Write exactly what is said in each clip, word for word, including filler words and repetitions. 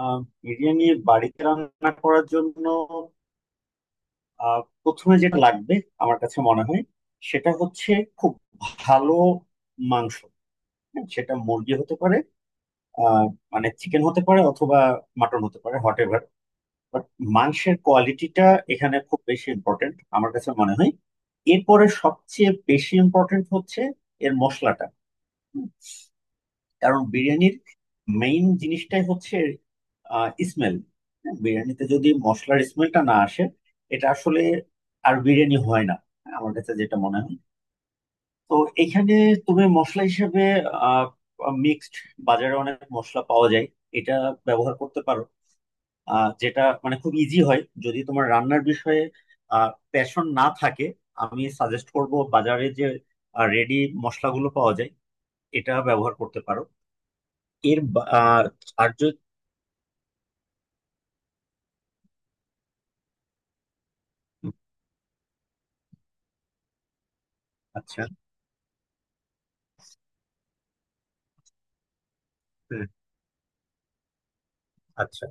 আহ বিরিয়ানি বাড়িতে রান্না করার জন্য আহ প্রথমে যেটা লাগবে আমার কাছে মনে হয় সেটা হচ্ছে খুব ভালো মাংস। হ্যাঁ, সেটা মুরগি হতে পারে। আহ মানে চিকেন হতে পারে অথবা মাটন হতে পারে হোয়াট এভার বাট মাংসের কোয়ালিটিটা এখানে খুব বেশি ইম্পর্টেন্ট আমার কাছে মনে হয়। এরপরে সবচেয়ে বেশি ইম্পর্টেন্ট হচ্ছে এর মশলাটা। কারণ বিরিয়ানির মেইন জিনিসটাই হচ্ছে স্মেল। বিরিয়ানিতে যদি মশলার স্মেলটা না আসে এটা আসলে আর বিরিয়ানি হয় না আমার কাছে যেটা মনে হয়। তো এখানে তুমি মশলা হিসেবে আহ মিক্সড বাজারে অনেক মশলা পাওয়া যায় এটা ব্যবহার করতে পারো। আহ যেটা মানে খুব ইজি হয় যদি তোমার রান্নার বিষয়ে আহ প্যাশন না থাকে আমি সাজেস্ট করব বাজারে যে রেডি মশলাগুলো পাওয়া যায় এটা ব্যবহার করতে পারো। এর বা- আহ, আর যদি আচ্ছা হুম, আচ্ছা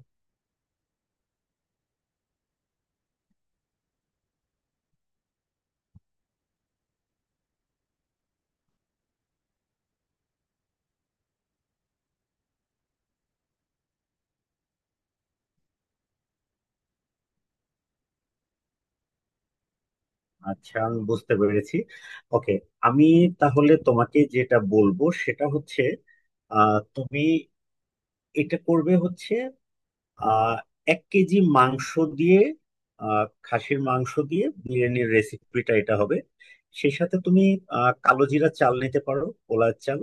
আচ্ছা আমি বুঝতে পেরেছি। ওকে, আমি তাহলে তোমাকে যেটা বলবো সেটা হচ্ছে আহ, তুমি এটা করবে হচ্ছে আহ, এক কেজি মাংস দিয়ে, আহ, খাসির মাংস দিয়ে বিরিয়ানির রেসিপিটা এটা হবে। সেই সাথে তুমি আহ, কালো জিরা চাল নিতে পারো কলার চাল।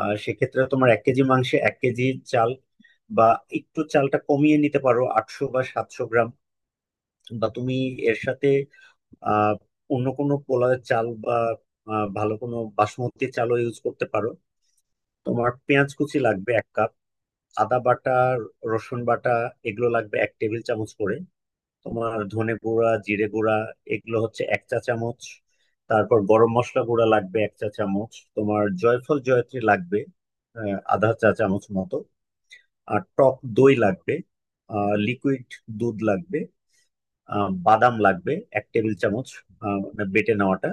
আর সেক্ষেত্রে তোমার এক কেজি মাংসে এক কেজি চাল, বা একটু চালটা কমিয়ে নিতে পারো আটশো বা সাতশো গ্রাম। বা তুমি এর সাথে আহ অন্য কোনো পোলার চাল বা আহ, ভালো কোনো বাসমতি চালও ইউজ করতে পারো। তোমার পেঁয়াজ কুচি লাগবে এক কাপ। আদা বাটা, রসুন বাটা, এগুলো লাগবে এক টেবিল চামচ করে। তোমার ধনে গুঁড়া, জিরে গুঁড়া, এগুলো হচ্ছে এক চা চামচ। তারপর গরম মশলা গুঁড়া লাগবে এক চা চামচ। তোমার জয়ফল জয়ত্রী লাগবে আহ, আধা চা চামচ মতো। আর টক দই লাগবে। লিকুইড দুধ লাগবে। আহ, বাদাম লাগবে এক টেবিল চামচ, আহ, মানে বেটে নেওয়াটা।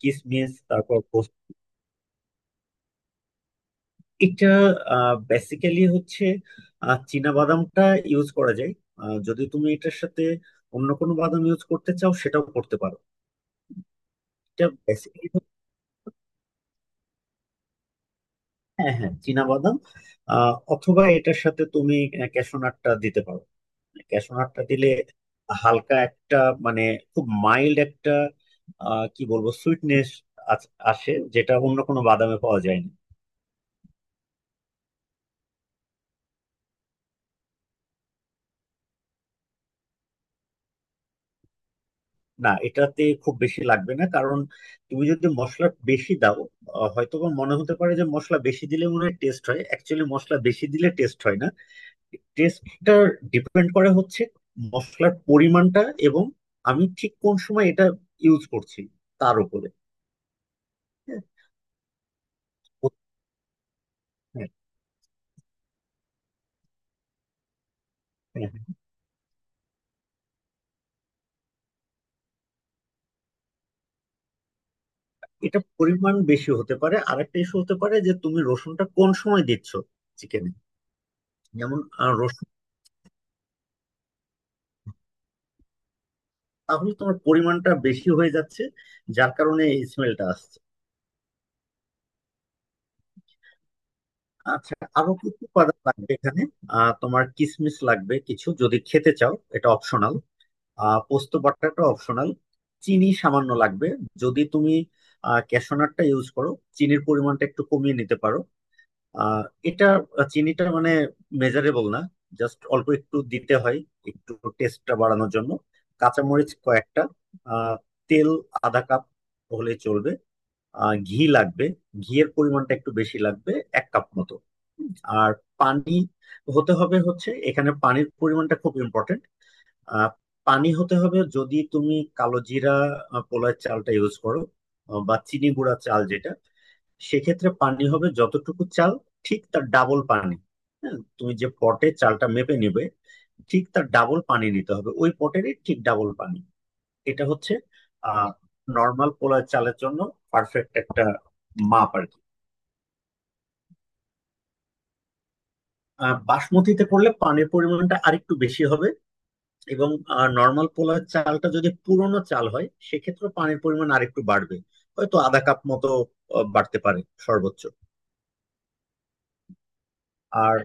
কিসমিস, তারপর পোস্ত। এটা বেসিক্যালি হচ্ছে আহ, চীনা বাদামটা ইউজ করা যায়। আহ, যদি তুমি এটার সাথে অন্য কোনো বাদাম ইউজ করতে চাও সেটাও করতে পারো। এটা বেসিক্যালি হ্যাঁ, হ্যাঁ, চীনা বাদাম। আহ, অথবা এটার সাথে তুমি ক্যাশনাটটা দিতে পারো। ক্যাশনাটটা দিলে হালকা একটা, মানে খুব মাইল্ড একটা, আহ, কি বলবো সুইটনেস আসে যেটা অন্য কোনো বাদামে পাওয়া যায় না। না, এটাতে খুব বেশি লাগবে না কারণ তুমি যদি মশলা বেশি দাও আহ, হয়তো বা মনে হতে পারে যে মশলা বেশি দিলে মনে হয় টেস্ট হয়, অ্যাকচুয়ালি মশলা বেশি দিলে টেস্ট হয় না। টেস্টটা ডিপেন্ড করে হচ্ছে মশলার পরিমাণটা এবং আমি ঠিক কোন সময় এটা ইউজ করছি তার উপরে। হ্যাঁ, হ্যাঁ, হ্যাঁ। হ্যাঁ। এটা পরিমাণ বেশি হতে পারে। আরেকটা ইস্যু হতে পারে যে তুমি রসুনটা কোন সময় দিচ্ছ চিকেনে। যেমন আহ, রসুন, তাহলে তোমার পরিমাণটা বেশি হয়ে যাচ্ছে যার কারণে এই স্মেলটা আসছে। আচ্ছা। আরো কিছু উপাদান লাগবে এখানে। আহ, তোমার কিশমিশ লাগবে কিছু যদি খেতে চাও, এটা অপশনাল। আহ পোস্ত বাটাটা অপশনাল। চিনি সামান্য লাগবে। যদি তুমি আহ ক্যাশনারটা ইউজ করো চিনির পরিমাণটা একটু কমিয়ে নিতে পারো। আহ, এটা আহ, চিনিটা মানে মেজারেবল না, জাস্ট অল্প একটু দিতে হয় একটু টেস্টটা বাড়ানোর জন্য। কাঁচামরিচ কয়েকটা। আহ, তেল আধা কাপ হলে চলবে। আহ ঘি লাগবে। ঘিয়ের পরিমাণটা একটু বেশি লাগবে, এক কাপ মতো। হুম, আর পানি হতে হবে হচ্ছে, এখানে পানির পরিমাণটা খুব ইম্পর্টেন্ট। পানি হতে হবে যদি তুমি কালো জিরা আহ, পোলার চালটা ইউজ করো, আহ, বা চিনি গুঁড়া চাল যেটা, সেক্ষেত্রে পানি হবে যতটুকু চাল ঠিক তার ডাবল পানি। হ্যাঁ, তুমি যে পটে চালটা মেপে নিবে ঠিক তার ডাবল পানি নিতে হবে, ওই পটেরই ঠিক ডাবল পানি। এটা হচ্ছে আহ নর্মাল পোলার চালের জন্য পারফেক্ট একটা মাপ আর কি। আহ, বাসমতিতে করলে পানির পরিমাণটা আরেকটু বেশি হবে, এবং নর্মাল পোলার চালটা যদি পুরনো চাল হয় সেক্ষেত্রে পানির পরিমাণ আরেকটু বাড়বে, হয়তো আধা কাপ মতো আহ, বাড়তে পারে সর্বোচ্চ। আর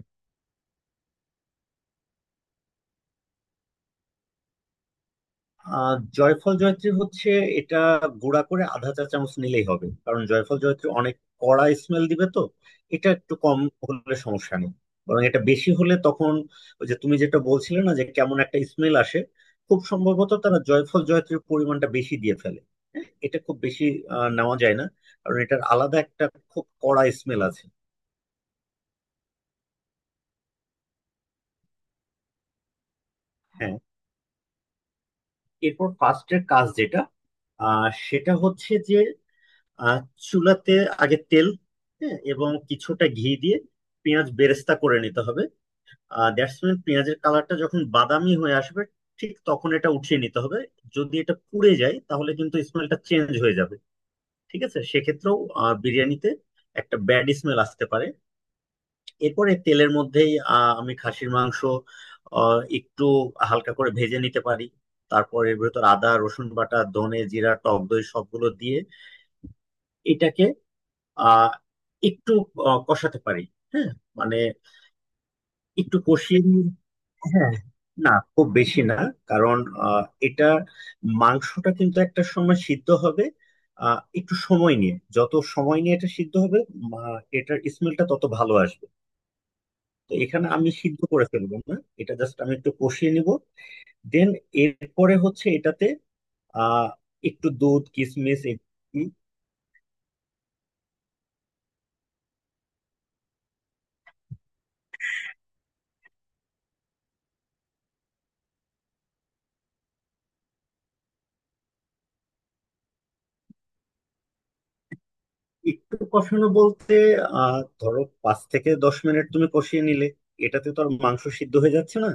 আহ জয়ফল জয়ত্রী হচ্ছে এটা গুঁড়া করে আধা চা চামচ নিলেই হবে কারণ জয়ফল জয়ত্রী অনেক কড়া স্মেল দিবে তো। এটা একটু কম হলে সমস্যা নেই, বরং এটা বেশি হলে তখন ওই যে তুমি যেটা বলছিলে না যে কেমন একটা স্মেল আসে, খুব সম্ভবত তারা জয়ফল জয়ত্রীর পরিমাণটা বেশি দিয়ে ফেলে। হ্যাঁ, এটা খুব বেশি আহ, নেওয়া যায় না কারণ এটার আলাদা একটা খুব কড়া স্মেল আছে। হ্যাঁ। এরপর ফার্স্টের কাজ যেটা আহ সেটা হচ্ছে যে, আর চুলাতে আগে তেল, হ্যাঁ, এবং কিছুটা ঘি দিয়ে পেঁয়াজ বেরেস্তা করে নিতে হবে। আর দ্যাটস মিন পেঁয়াজের কালারটা যখন বাদামি হয়ে আসবে ঠিক তখন এটা উঠিয়ে নিতে হবে। যদি এটা পুড়ে যায় তাহলে কিন্তু স্মেলটা চেঞ্জ হয়ে যাবে। ঠিক আছে, সেক্ষেত্রেও আহ, বিরিয়ানিতে একটা ব্যাড স্মেল আসতে পারে। এরপরে তেলের মধ্যেই আহ, আমি খাসির মাংস আহ, একটু হালকা করে ভেজে নিতে পারি। তারপর এর ভেতর আদা রসুন বাটা, ধনে জিরা, টক দই সবগুলো দিয়ে এটাকে আহ একটু আহ, কষাতে পারি। হ্যাঁ, মানে একটু কষিয়ে নিয়ে, হ্যাঁ, না খুব বেশি না, কারণ আহ, এটা মাংসটা কিন্তু একটা সময় সিদ্ধ হবে, আহ, একটু সময় নিয়ে, যত সময় নিয়ে এটা সিদ্ধ হবে মা- এটার স্মেলটা তত ভালো আসবে। তো এখানে আমি সিদ্ধ করে ফেলবো না। এটা জাস্ট আমি একটু কষিয়ে নিব। দেন, এরপরে হচ্ছে এটাতে আহ একটু দুধ, কিশমিশ। একটু কষানো বলতে আহ ধরো পাঁচ থেকে দশ মিনিট তুমি কষিয়ে নিলে এটাতে তো আর মাংস সিদ্ধ হয়ে যাচ্ছে না।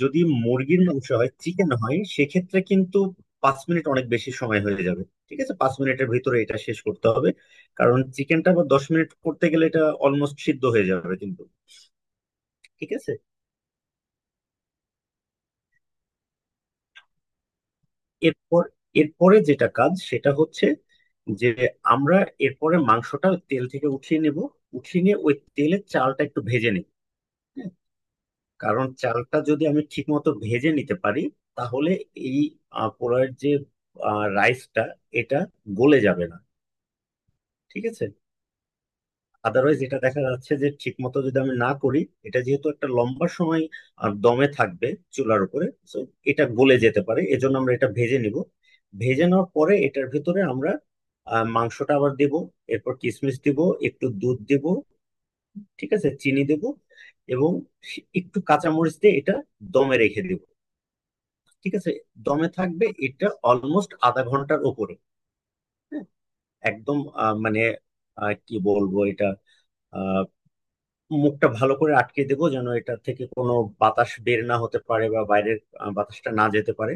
যদি মুরগির মাংস হয়, চিকেন হয়, সেক্ষেত্রে কিন্তু পাঁচ মিনিট অনেক বেশি সময় হয়ে যাবে। ঠিক আছে, পাঁচ মিনিটের ভিতরে এটা শেষ করতে হবে কারণ চিকেনটা আবার দশ মিনিট করতে গেলে এটা অলমোস্ট সিদ্ধ হয়ে যাবে কিন্তু। ঠিক আছে। এরপর, এরপরে যেটা কাজ সেটা হচ্ছে যে আমরা এরপরে মাংসটা তেল থেকে উঠিয়ে নেব। উঠিয়ে নিয়ে ওই তেলে চালটা একটু ভেজে নিই, কারণ চালটা যদি আমি ঠিক মতো ভেজে নিতে পারি তাহলে এই আহ, পোলাওয়ের যে রাইসটা, এটা গলে যাবে না। ঠিক আছে। আদারওয়াইজ এটা দেখা যাচ্ছে যে ঠিক মতো যদি আমি না করি, এটা যেহেতু একটা লম্বা সময় আহ, দমে থাকবে চুলার উপরে তো এটা গলে যেতে পারে, এজন্য আমরা এটা ভেজে নিব। ভেজে নেওয়ার পরে এটার ভিতরে আমরা আহ, মাংসটা আবার দেব। এরপর কিশমিশ দিব, একটু দুধ দেব, ঠিক আছে, চিনি দেব, এবং একটু কাঁচামরিচ দিয়ে এটা দমে রেখে দেব। ঠিক আছে। দমে থাকবে এটা অলমোস্ট আধা ঘন্টার উপরে। একদম আহ, মানে আহ, কি বলবো, এটা আহ, মুখটা ভালো করে আটকে দেবো, যেন এটা থেকে কোনো বাতাস বের না হতে পারে বা বাইরের আহ, বাতাসটা না যেতে পারে।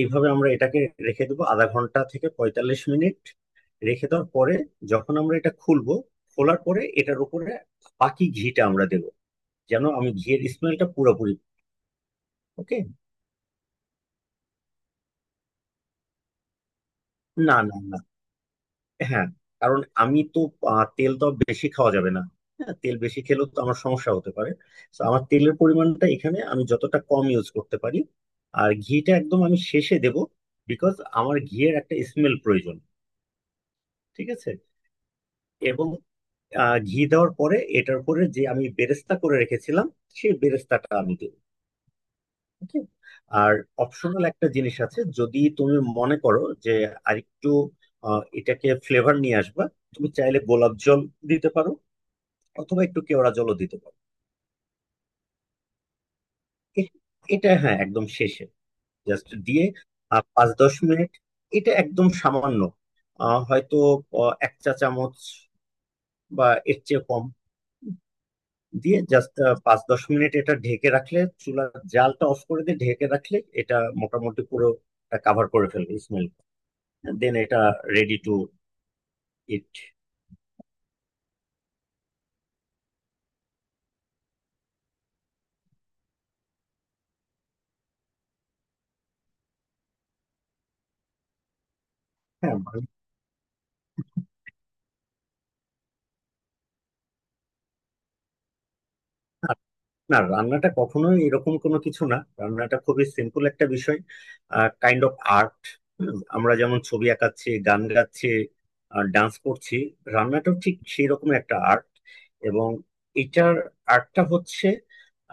এইভাবে আমরা এটাকে রেখে দেবো আধা ঘন্টা থেকে পঁয়তাল্লিশ মিনিট। রেখে দেওয়ার পরে যখন আমরা এটা খুলবো, খোলার পরে এটার উপরে বাকি ঘিটা আমরা দেবো যেন আমি ঘিয়ের স্মেলটা পুরোপুরি। ওকে। না, না, না, হ্যাঁ, কারণ আমি তো আহ, তেল তো আর বেশি খাওয়া যাবে না। হ্যাঁ, তেল বেশি খেলেও তো আমার সমস্যা হতে পারে, তো আমার তেলের পরিমাণটা এখানে আমি যতটা কম ইউজ করতে পারি। আর ঘিটা একদম আমি শেষে দেব, বিকজ আমার ঘিয়ের একটা স্মেল প্রয়োজন। ঠিক আছে। এবং আহ, ঘি দেওয়ার পরে এটার পরে যে আমি বেরেস্তা করে রেখেছিলাম সেই বেরেস্তাটা আমি দেব। ওকে। আর অপশনাল একটা জিনিস আছে, যদি তুমি মনে করো যে আরেকটু আহ, এটাকে ফ্লেভার নিয়ে আসবা, তুমি চাইলে গোলাপ জল দিতে পারো অথবা একটু কেওড়া জলও দিতে পারো। এ- এটা, হ্যাঁ, একদম শেষে। জাস্ট দিয়ে আর পাঁচ দশ মিনিট। এটা একদম সামান্য, আহ, হয়তো আহ, এক চা চামচ বা এর চেয়ে কম, দিয়ে জাস্ট পাঁচ দশ মিনিট এটা ঢেকে রাখলে, চুলার জালটা অফ করে দিয়ে ঢেকে রাখলে, এটা মোটামুটি পুরো কাভার করে ফেলবে স্মেল। দেন এটা রেডি টু ইট। হ্যাঁ। না, রান্নাটা কখনোই এরকম কোনো কিছু না, রান্নাটা খুবই সিম্পল একটা বিষয়। Kind of art. আমরা যেমন ছবি আঁকাচ্ছি, গান গাচ্ছি, ডান্স করছি, রান্নাটাও ঠিক সেই রকম একটা আর্ট। এবং এটার আর্টটা হচ্ছে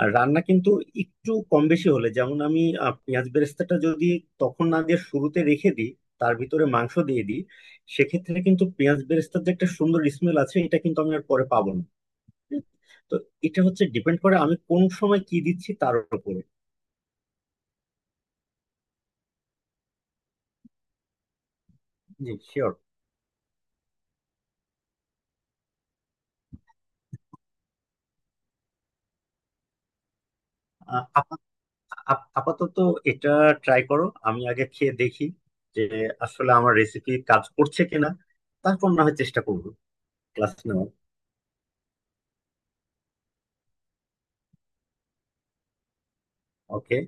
আহ, রান্না কিন্তু একটু কম বেশি হলে, যেমন আমি আহ, পেঁয়াজ বেরেস্তাটা যদি তখন না দিয়ে শুরুতে রেখে দিই, তার ভিতরে মাংস দিয়ে দিই, সেক্ষেত্রে কিন্তু পেঁয়াজ বেরেস্তার যে একটা সুন্দর স্মেল আছে এটা কিন্তু আমি আর পরে পাবো না। তো এটা হচ্ছে ডিপেন্ড করে আমি কোন সময় কি দিচ্ছি তার উপরে। জি শিওর। আপাতত এটা ট্রাই করো, আমি আগে খেয়ে দেখি যে আসলে আমার রেসিপি কাজ করছে কিনা, তারপর না হয় চেষ্টা করবো ক্লাস নেওয়ার। ওকে।